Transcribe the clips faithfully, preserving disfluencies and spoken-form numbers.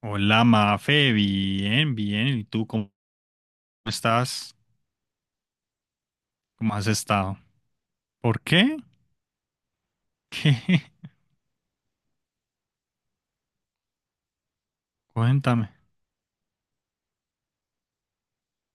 Hola, Mafe, bien, bien. ¿Y tú cómo estás? ¿Cómo has estado? ¿Por qué? ¿Qué? Cuéntame.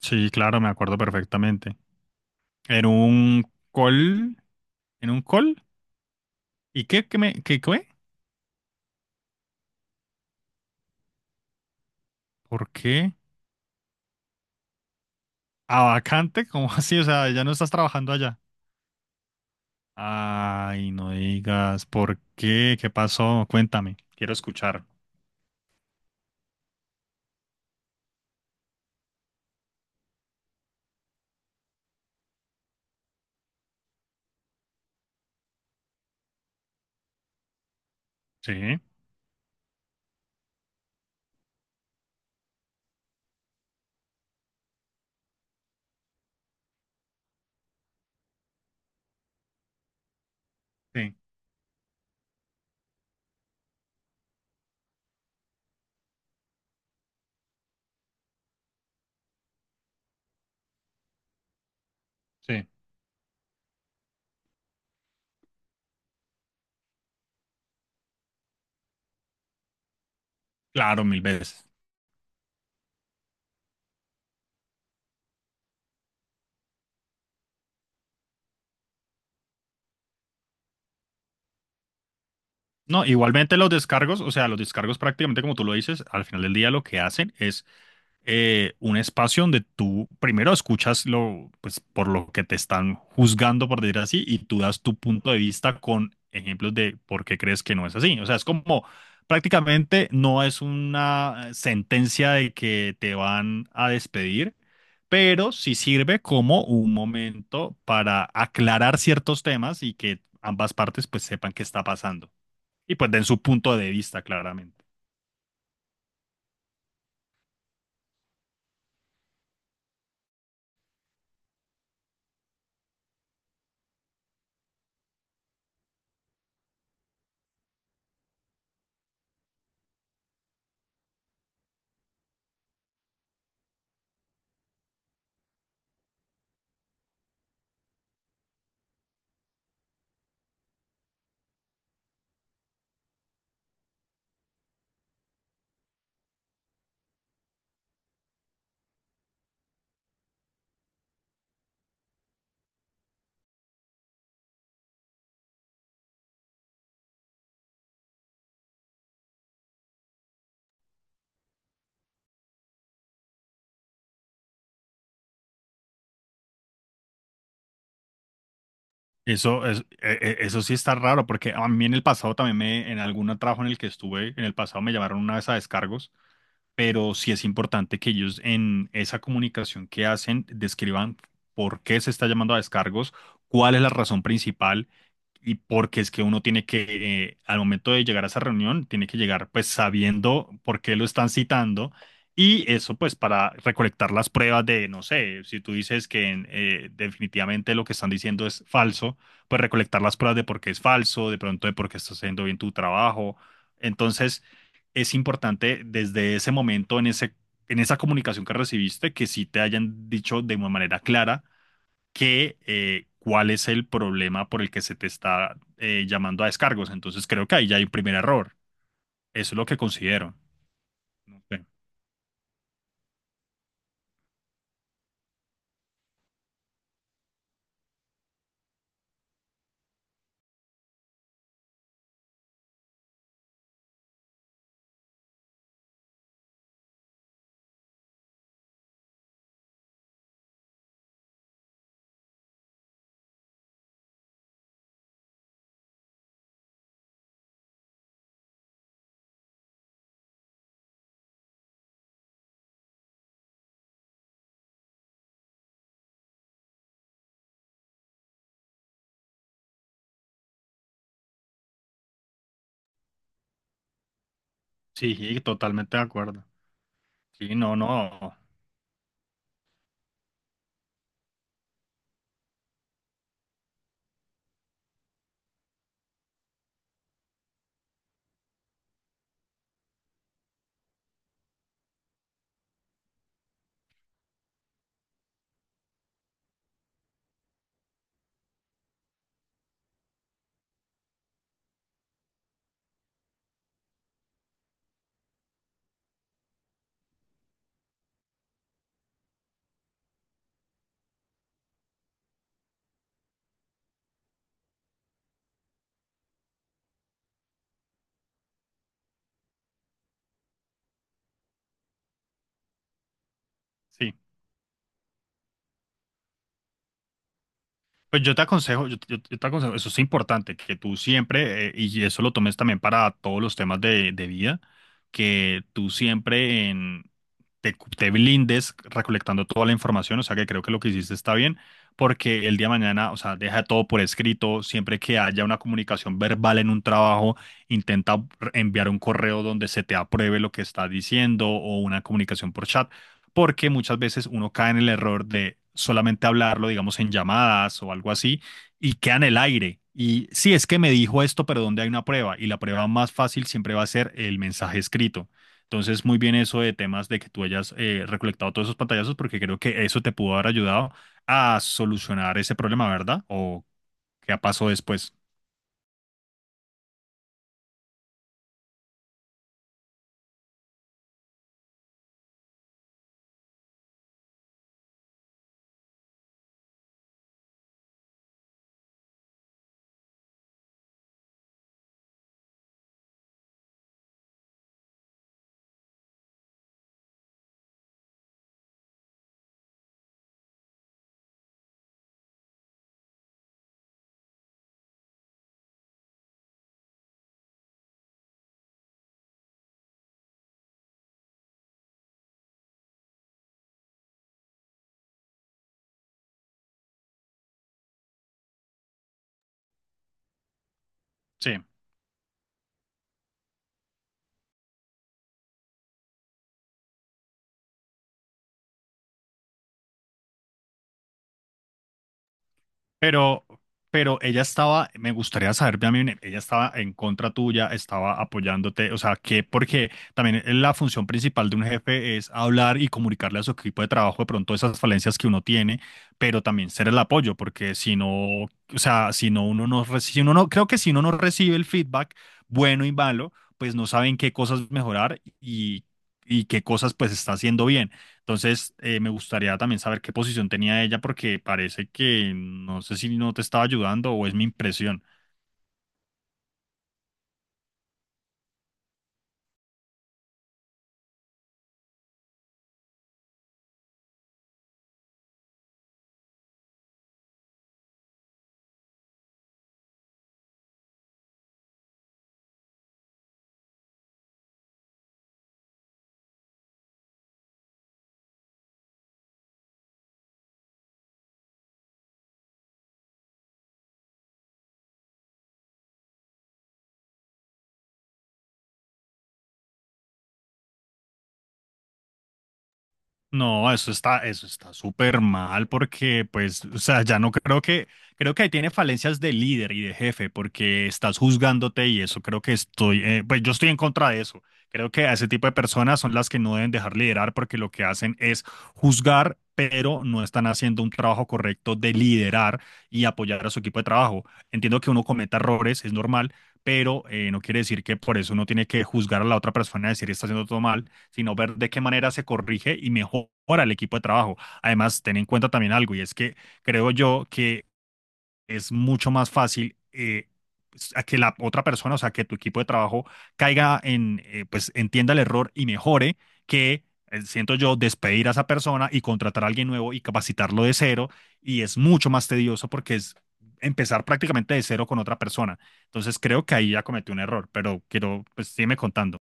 Sí, claro, me acuerdo perfectamente. En un call, en un call. ¿Y qué, qué me, qué, qué? ¿Por qué? ¿A vacante? ¿Cómo así? O sea, ya no estás trabajando allá. Ay, no digas. ¿Por qué? ¿Qué pasó? Cuéntame. Quiero escuchar. Sí, sí, sí. Claro, mil veces. No, igualmente los descargos, o sea, los descargos prácticamente como tú lo dices, al final del día lo que hacen es eh, un espacio donde tú primero escuchas lo, pues, por lo que te están juzgando, por decir así, y tú das tu punto de vista con ejemplos de por qué crees que no es así. O sea, es como prácticamente no es una eh, sentencia de que te van a despedir, pero sí sirve como un momento para aclarar ciertos temas y que ambas partes pues sepan qué está pasando y pues den su punto de vista, claramente. Eso, es, e- e- eso sí está raro, porque a mí en el pasado también me, en algún trabajo en el que estuve, en el pasado me llamaron una vez a descargos, pero sí es importante que ellos en esa comunicación que hacen describan por qué se está llamando a descargos, cuál es la razón principal y porque es que uno tiene que, eh, al momento de llegar a esa reunión, tiene que llegar pues sabiendo por qué lo están citando y eso pues para recolectar las pruebas de, no sé, si tú dices que eh, definitivamente lo que están diciendo es falso, pues recolectar las pruebas de por qué es falso, de pronto de por qué estás haciendo bien tu trabajo. Entonces, es importante desde ese momento en ese... En esa comunicación que recibiste, que sí te hayan dicho de una manera clara que eh, cuál es el problema por el que se te está eh, llamando a descargos. Entonces creo que ahí ya hay un primer error. Eso es lo que considero. No sé. Sí, sí, totalmente de acuerdo. Sí, no, no. Sí. Pues yo te aconsejo, yo, yo- yo te aconsejo, eso es importante, que tú siempre, eh, y eso lo tomes también para todos los temas de, de vida, que tú siempre en, te, cu- te blindes recolectando toda la información, o sea que creo que lo que hiciste está bien, porque el día de mañana, o sea, deja todo por escrito, siempre que haya una comunicación verbal en un trabajo, intenta enviar un correo donde se te apruebe lo que estás diciendo o una comunicación por chat porque muchas veces uno cae en el error de solamente hablarlo, digamos, en llamadas o algo así, y queda en el aire. Y sí, es que me dijo esto, pero ¿dónde hay una prueba? Y la prueba más fácil siempre va a ser el mensaje escrito. Entonces, muy bien eso de temas de que tú hayas eh, recolectado todos esos pantallazos, porque creo que eso te pudo haber ayudado a solucionar ese problema, ¿verdad? ¿O qué pasó después? Sí. Pero, pero ella estaba, me gustaría saber, también, ella estaba en contra tuya, estaba apoyándote, o sea, que porque también la función principal de un jefe es hablar y comunicarle a su equipo de trabajo de pronto esas falencias que uno tiene, pero también ser el apoyo, porque si no, o sea, si no uno no recibe, si uno no, creo que si uno no recibe el feedback bueno y malo, pues no saben qué cosas mejorar y, y qué cosas pues está haciendo bien. Entonces, eh, me gustaría también saber qué posición tenía ella porque parece que no sé si no te estaba ayudando o es mi impresión. No, eso está, eso está súper mal porque, pues, o sea, ya no creo que, creo que ahí tiene falencias de líder y de jefe porque estás juzgándote y eso creo que estoy, eh, pues yo estoy en contra de eso. Creo que a ese tipo de personas son las que no deben dejar liderar porque lo que hacen es juzgar, pero no están haciendo un trabajo correcto de liderar y apoyar a su equipo de trabajo. Entiendo que uno cometa errores, es normal, pero eh, no quiere decir que por eso uno tiene que juzgar a la otra persona y decir está haciendo todo mal sino ver de qué manera se corrige y mejora el equipo de trabajo. Además, ten en cuenta también algo, y es que creo yo que es mucho más fácil eh, pues, a que la otra persona, o sea, que tu equipo de trabajo caiga en, eh, pues entienda el error y mejore, que eh, siento yo despedir a esa persona y contratar a alguien nuevo y capacitarlo de cero, y es mucho más tedioso porque es empezar prácticamente de cero con otra persona. Entonces creo que ahí ya cometí un error, pero quiero, pues sígueme contando.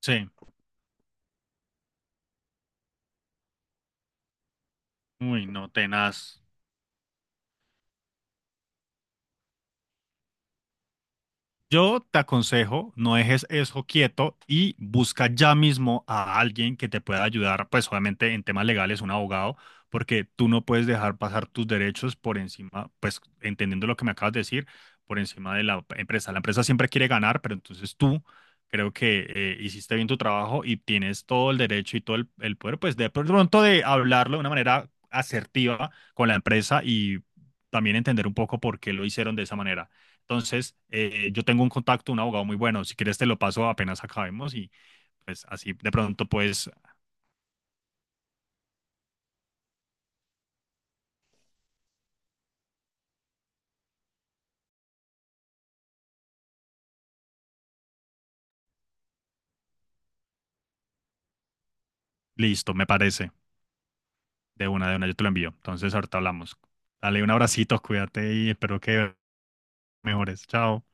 Sí, uy, no, tenaz. Yo te aconsejo, no dejes eso quieto y busca ya mismo a alguien que te pueda ayudar, pues obviamente en temas legales, un abogado, porque tú no puedes dejar pasar tus derechos por encima, pues entendiendo lo que me acabas de decir, por encima de la empresa. La empresa siempre quiere ganar, pero entonces tú creo que eh, hiciste bien tu trabajo y tienes todo el derecho y todo el, el poder, pues de pronto de hablarlo de una manera asertiva con la empresa y también entender un poco por qué lo hicieron de esa manera. Entonces, eh, yo tengo un contacto, un abogado muy bueno. Si quieres, te lo paso apenas acabemos y pues así de pronto, pues listo, me parece. De una, de una, yo te lo envío. Entonces, ahorita hablamos. Dale un abracito, cuídate y espero que mejores. Chao.